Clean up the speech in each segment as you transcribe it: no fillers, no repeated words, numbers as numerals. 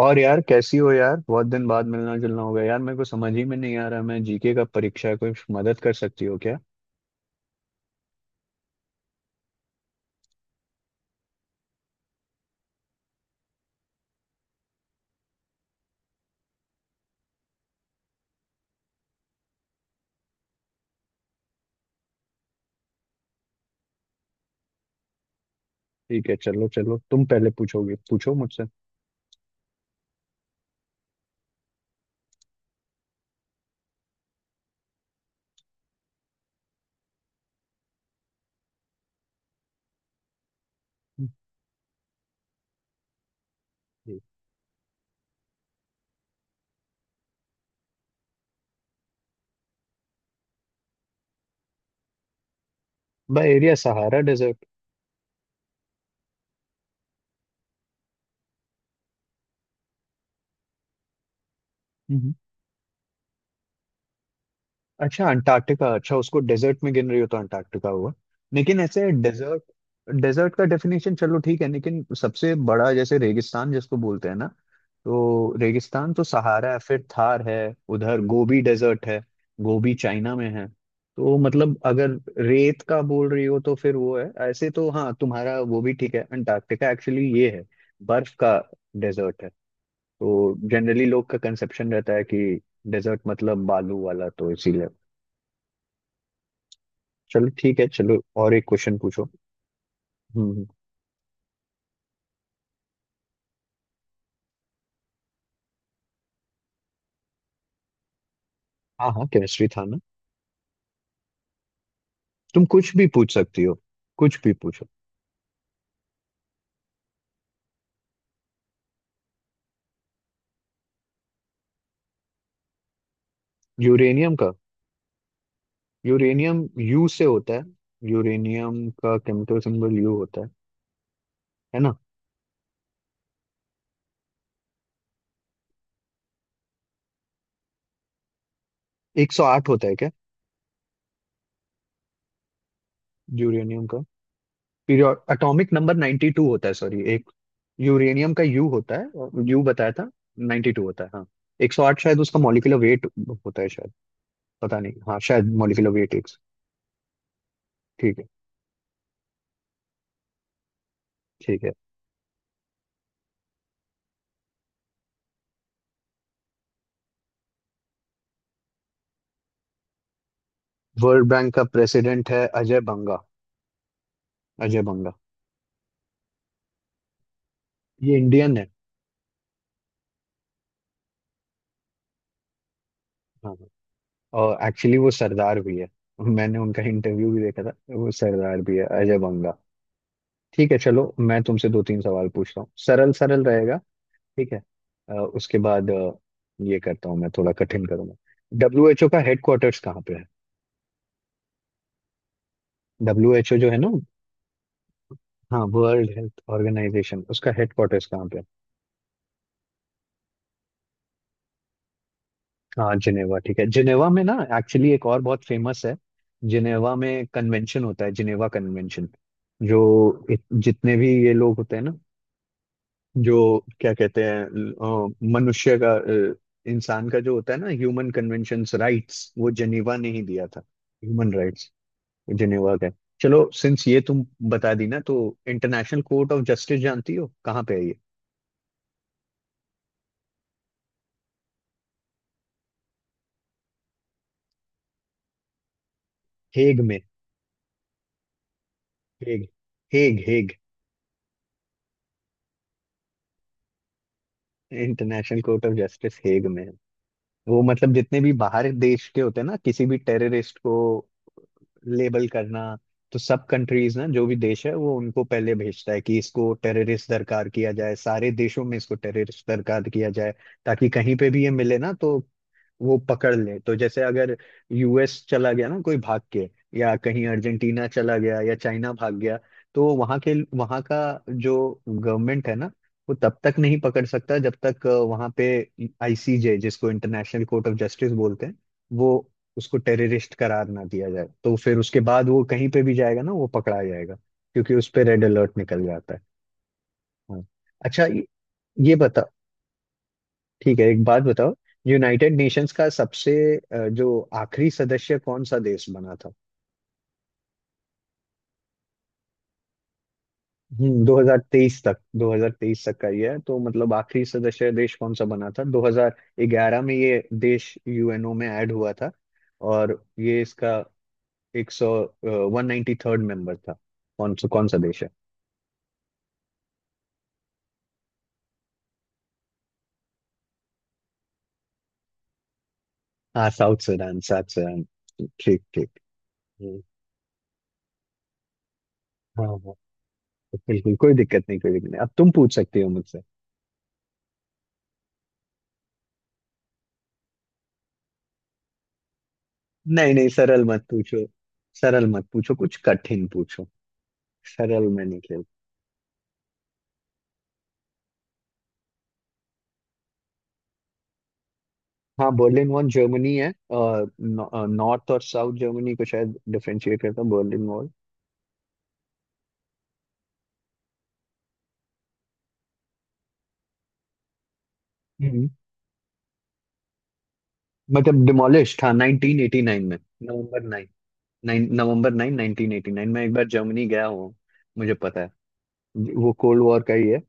और यार कैसी हो यार? बहुत दिन बाद मिलना जुलना हो गया यार, मेरे को समझ ही में नहीं आ रहा। मैं जीके का परीक्षा है, कोई मदद कर सकती हो क्या? ठीक है, चलो चलो तुम पहले पूछोगे, पूछो मुझसे। हम्म। By area Sahara desert. अच्छा अंटार्कटिका, अच्छा उसको डेजर्ट में गिन रही हो तो अंटार्कटिका हुआ। लेकिन ऐसे डेजर्ट, डेजर्ट का डेफिनेशन चलो ठीक है, लेकिन सबसे बड़ा जैसे रेगिस्तान जिसको बोलते हैं ना, तो रेगिस्तान तो सहारा है, फिर थार है, उधर गोबी डेजर्ट है, गोबी चाइना में है। तो मतलब अगर रेत का बोल रही हो तो फिर वो है, ऐसे तो हाँ तुम्हारा वो भी ठीक है। अंटार्कटिका एक्चुअली ये है बर्फ का डेजर्ट है। तो जनरली लोग का कंसेप्शन रहता है कि डेजर्ट मतलब बालू वाला, तो इसीलिए। चलो ठीक है, चलो और एक क्वेश्चन पूछो। हम्म। हाँ हाँ, केमिस्ट्री था ना। तुम कुछ भी पूछ सकती हो, कुछ भी पूछो। यूरेनियम का, यूरेनियम यू से होता है। यूरेनियम का केमिकल सिंबल यू होता है ना। 108 होता है क्या यूरेनियम का? पीरियड एटॉमिक नंबर 92 होता है, सॉरी एक। यूरेनियम का यू होता है और यू बताया था। 92 होता है हाँ। 108 शायद उसका मॉलिक्यूलर वेट होता है शायद, पता नहीं। हाँ शायद मॉलिक्यूलर वेट एक। ठीक है। ठीक है, वर्ल्ड बैंक का प्रेसिडेंट है अजय बंगा, अजय बंगा। ये इंडियन है। हाँ हाँ। और एक्चुअली वो सरदार भी है। मैंने उनका इंटरव्यू भी देखा था, वो सरदार भी है अजय बंगा। ठीक है, चलो मैं तुमसे दो तीन सवाल पूछता हूँ, सरल सरल रहेगा। ठीक है। उसके बाद ये करता हूँ, मैं थोड़ा कठिन करूंगा। डब्ल्यू एच ओ का हेडक्वार्टर्स कहाँ पे है? डब्ल्यू एच ओ जो है ना। हाँ वर्ल्ड हेल्थ ऑर्गेनाइजेशन, उसका हेडक्वार्टर्स कहाँ? हाँ जिनेवा, ठीक है जिनेवा में ना। एक्चुअली एक और बहुत फेमस है, जिनेवा में कन्वेंशन होता है, जिनेवा कन्वेंशन। जो जितने भी ये लोग होते हैं ना, जो क्या कहते हैं मनुष्य का, इंसान का जो होता है ना, ह्यूमन कन्वेंशंस राइट्स, वो जिनेवा ने ही दिया था। ह्यूमन राइट्स जिनेवा का है। चलो सिंस ये तुम बता दी ना, तो इंटरनेशनल कोर्ट ऑफ जस्टिस जानती हो कहाँ पे है ये? हेग में, Hague, Hague Hague. International Court of Justice Hague में है। वो मतलब जितने भी बाहर देश के होते हैं ना, किसी भी टेररिस्ट को लेबल करना, तो सब कंट्रीज ना जो भी देश है वो उनको पहले भेजता है कि इसको टेररिस्ट दरकार किया जाए, सारे देशों में इसको टेररिस्ट दरकार किया जाए, ताकि कहीं पे भी ये मिले ना तो वो पकड़ ले। तो जैसे अगर यूएस चला गया ना कोई भाग के, या कहीं अर्जेंटीना चला गया, या चाइना भाग गया, तो वहां के, वहां का जो गवर्नमेंट है ना, वो तब तक नहीं पकड़ सकता जब तक वहां पे आईसीजे, जिसको इंटरनेशनल कोर्ट ऑफ जस्टिस बोलते हैं, वो उसको टेररिस्ट करार ना दिया जाए। तो फिर उसके बाद वो कहीं पे भी जाएगा ना, वो पकड़ा जाएगा, क्योंकि उस पे रेड अलर्ट निकल जाता है। हाँ। अच्छा ये बता, ठीक है एक बात बताओ, यूनाइटेड नेशंस का सबसे जो आखिरी सदस्य कौन सा देश बना था? हम्म, 2023 तक, 2023 तक का ये है। तो मतलब आखिरी सदस्य देश कौन सा बना था? 2011 में ये देश यूएनओ में ऐड हुआ था। और ये इसका 193rd मेंबर था। कौन सा, कौन सा देश है? हाँ साउथ सुडान, साउथ सुडान। ठीक ठीक। हम्म। हाँ हाँ, बिल्कुल कोई दिक्कत नहीं, कोई दिक्कत नहीं। अब तुम पूछ सकती हो मुझसे। नहीं नहीं, सरल मत पूछो, सरल मत पूछो, कुछ कठिन पूछो। सरल में नहीं खेल। हाँ बर्लिन वॉल, जर्मनी है, नॉर्थ और साउथ जर्मनी को शायद डिफरेंशिएट करता है बर्लिन वॉल। हम्म। मतलब डिमोलिश था 1989 में, नवंबर 9, नाइन नवंबर 9 1989 में। एक बार जर्मनी गया हूँ, मुझे पता है। वो कोल्ड वॉर का ही है।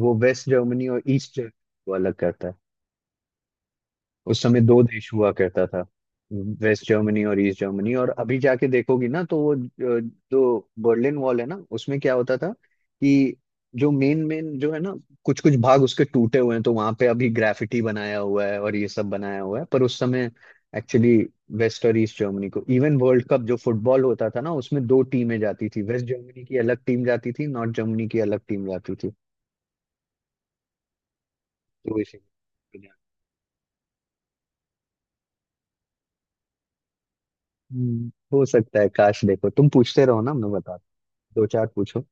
वो वेस्ट जर्मनी और ईस्ट जर्मनी को अलग करता है। उस समय दो देश हुआ करता था, वेस्ट जर्मनी और ईस्ट जर्मनी। और अभी जाके देखोगी ना तो वो जो, जो बर्लिन वॉल है ना, उसमें क्या होता था कि जो मेन मेन जो है ना, कुछ कुछ भाग उसके टूटे हुए हैं, तो वहां पे अभी ग्राफिटी बनाया हुआ है और ये सब बनाया हुआ है, पर उस समय एक्चुअली वेस्ट और ईस्ट जर्मनी को इवन वर्ल्ड कप जो फुटबॉल होता था ना, उसमें दो टीमें जाती थी, वेस्ट जर्मनी की अलग टीम जाती थी, नॉर्थ जर्मनी की अलग टीम जाती थी। तो इसी। हो सकता है। काश देखो तुम पूछते रहो ना, मैं बता, दो चार पूछो।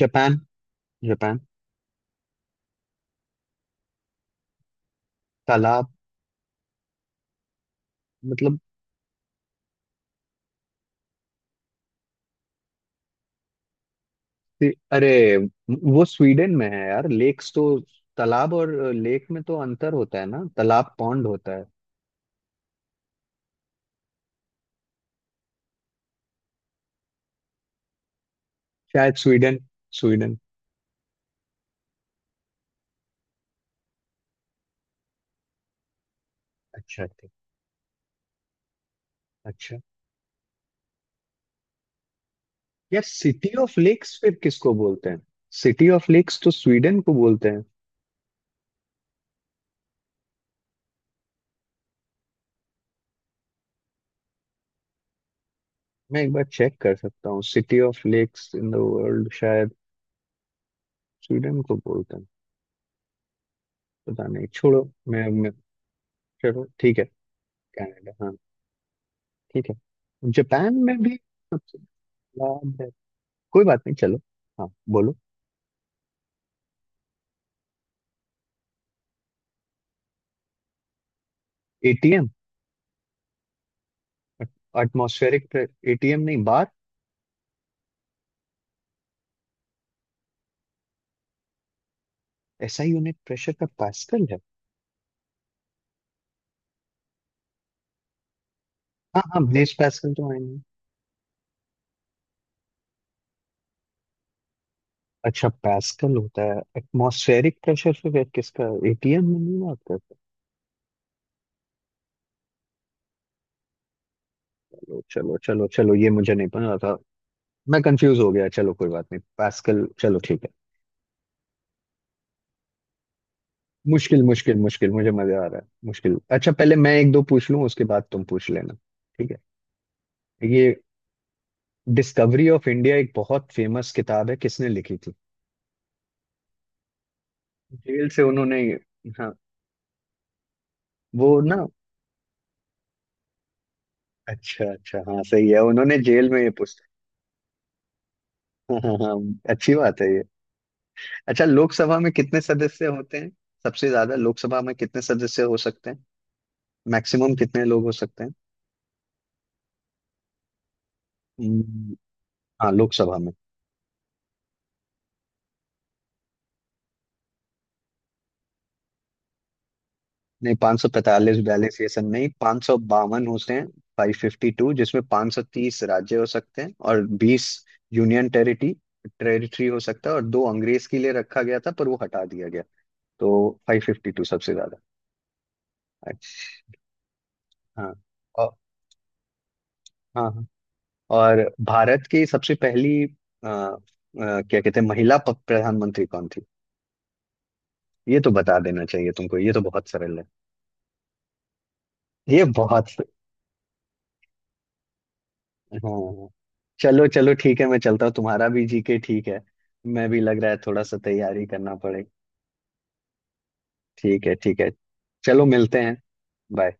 Japan, Japan. तालाब, मतलब कि- अरे वो स्वीडन में है यार लेक्स तो। तालाब और लेक में तो अंतर होता है ना, तालाब पॉन्ड होता है। शायद स्वीडन, स्वीडन। अच्छा ठीक। अच्छा यार, सिटी ऑफ लेक्स फिर किसको बोलते हैं? सिटी ऑफ लेक्स तो स्वीडन को बोलते हैं। मैं एक बार चेक कर सकता हूँ, city of lakes in the world शायद स्वीडन को बोलते हैं। पता नहीं, छोड़ो। मैं चलो ठीक है। कनाडा हाँ, ठीक है। जापान में भी सबसे लाभ है। कोई बात नहीं, चलो। हाँ बोलो। एटीएम, एटमॉस्फेरिक, एटीएम नहीं, बार। एसआई यूनिट प्रेशर का पास्कल है। हाँ हाँ, ब्लेस पास्कल तो आए नहीं। अच्छा पास्कल होता है, एटमॉस्फेरिक प्रेशर फिर किसका? एटीएम में नहीं बात करता। चलो चलो चलो चलो, ये मुझे नहीं पता था। मैं कंफ्यूज हो गया, चलो कोई बात नहीं, पास्कल, चलो ठीक है। मुश्किल मुश्किल मुश्किल, मुझे मजा आ रहा है मुश्किल। अच्छा पहले मैं एक दो पूछ लूं, उसके बाद तुम पूछ लेना। ठीक है। ये डिस्कवरी ऑफ इंडिया एक बहुत फेमस किताब है, किसने लिखी थी? जेल से उन्होंने। हाँ वो ना, अच्छा अच्छा हाँ सही है, उन्होंने जेल में ये पुस्तक। हाँ हाँ हाँ, अच्छी बात है ये। अच्छा लोकसभा में कितने सदस्य होते हैं? सबसे ज्यादा लोकसभा में कितने सदस्य हो सकते हैं? मैक्सिमम कितने लोग हो सकते हैं? हम्म। हाँ लोकसभा में। नहीं 545 बैलेंस सेशन, नहीं 552 होते हैं, 552, जिसमें 530 राज्य हो सकते हैं और 20 यूनियन टेरिटरी, टेरिटरी हो सकता है, और दो अंग्रेज के लिए रखा गया था पर वो हटा दिया गया। तो 552 सबसे ज्यादा। अच्छा। हाँ और, हाँ हाँ। और भारत की सबसे पहली आ, आ, क्या कहते हैं, महिला प्रधानमंत्री कौन थी? ये तो बता देना चाहिए तुमको, ये तो बहुत सरल है। ये बहुत। हाँ। चलो चलो ठीक है, मैं चलता हूँ, तुम्हारा भी जीके ठीक है। मैं भी लग रहा है थोड़ा सा तैयारी करना पड़ेगी। ठीक है ठीक है। चलो मिलते हैं, बाय।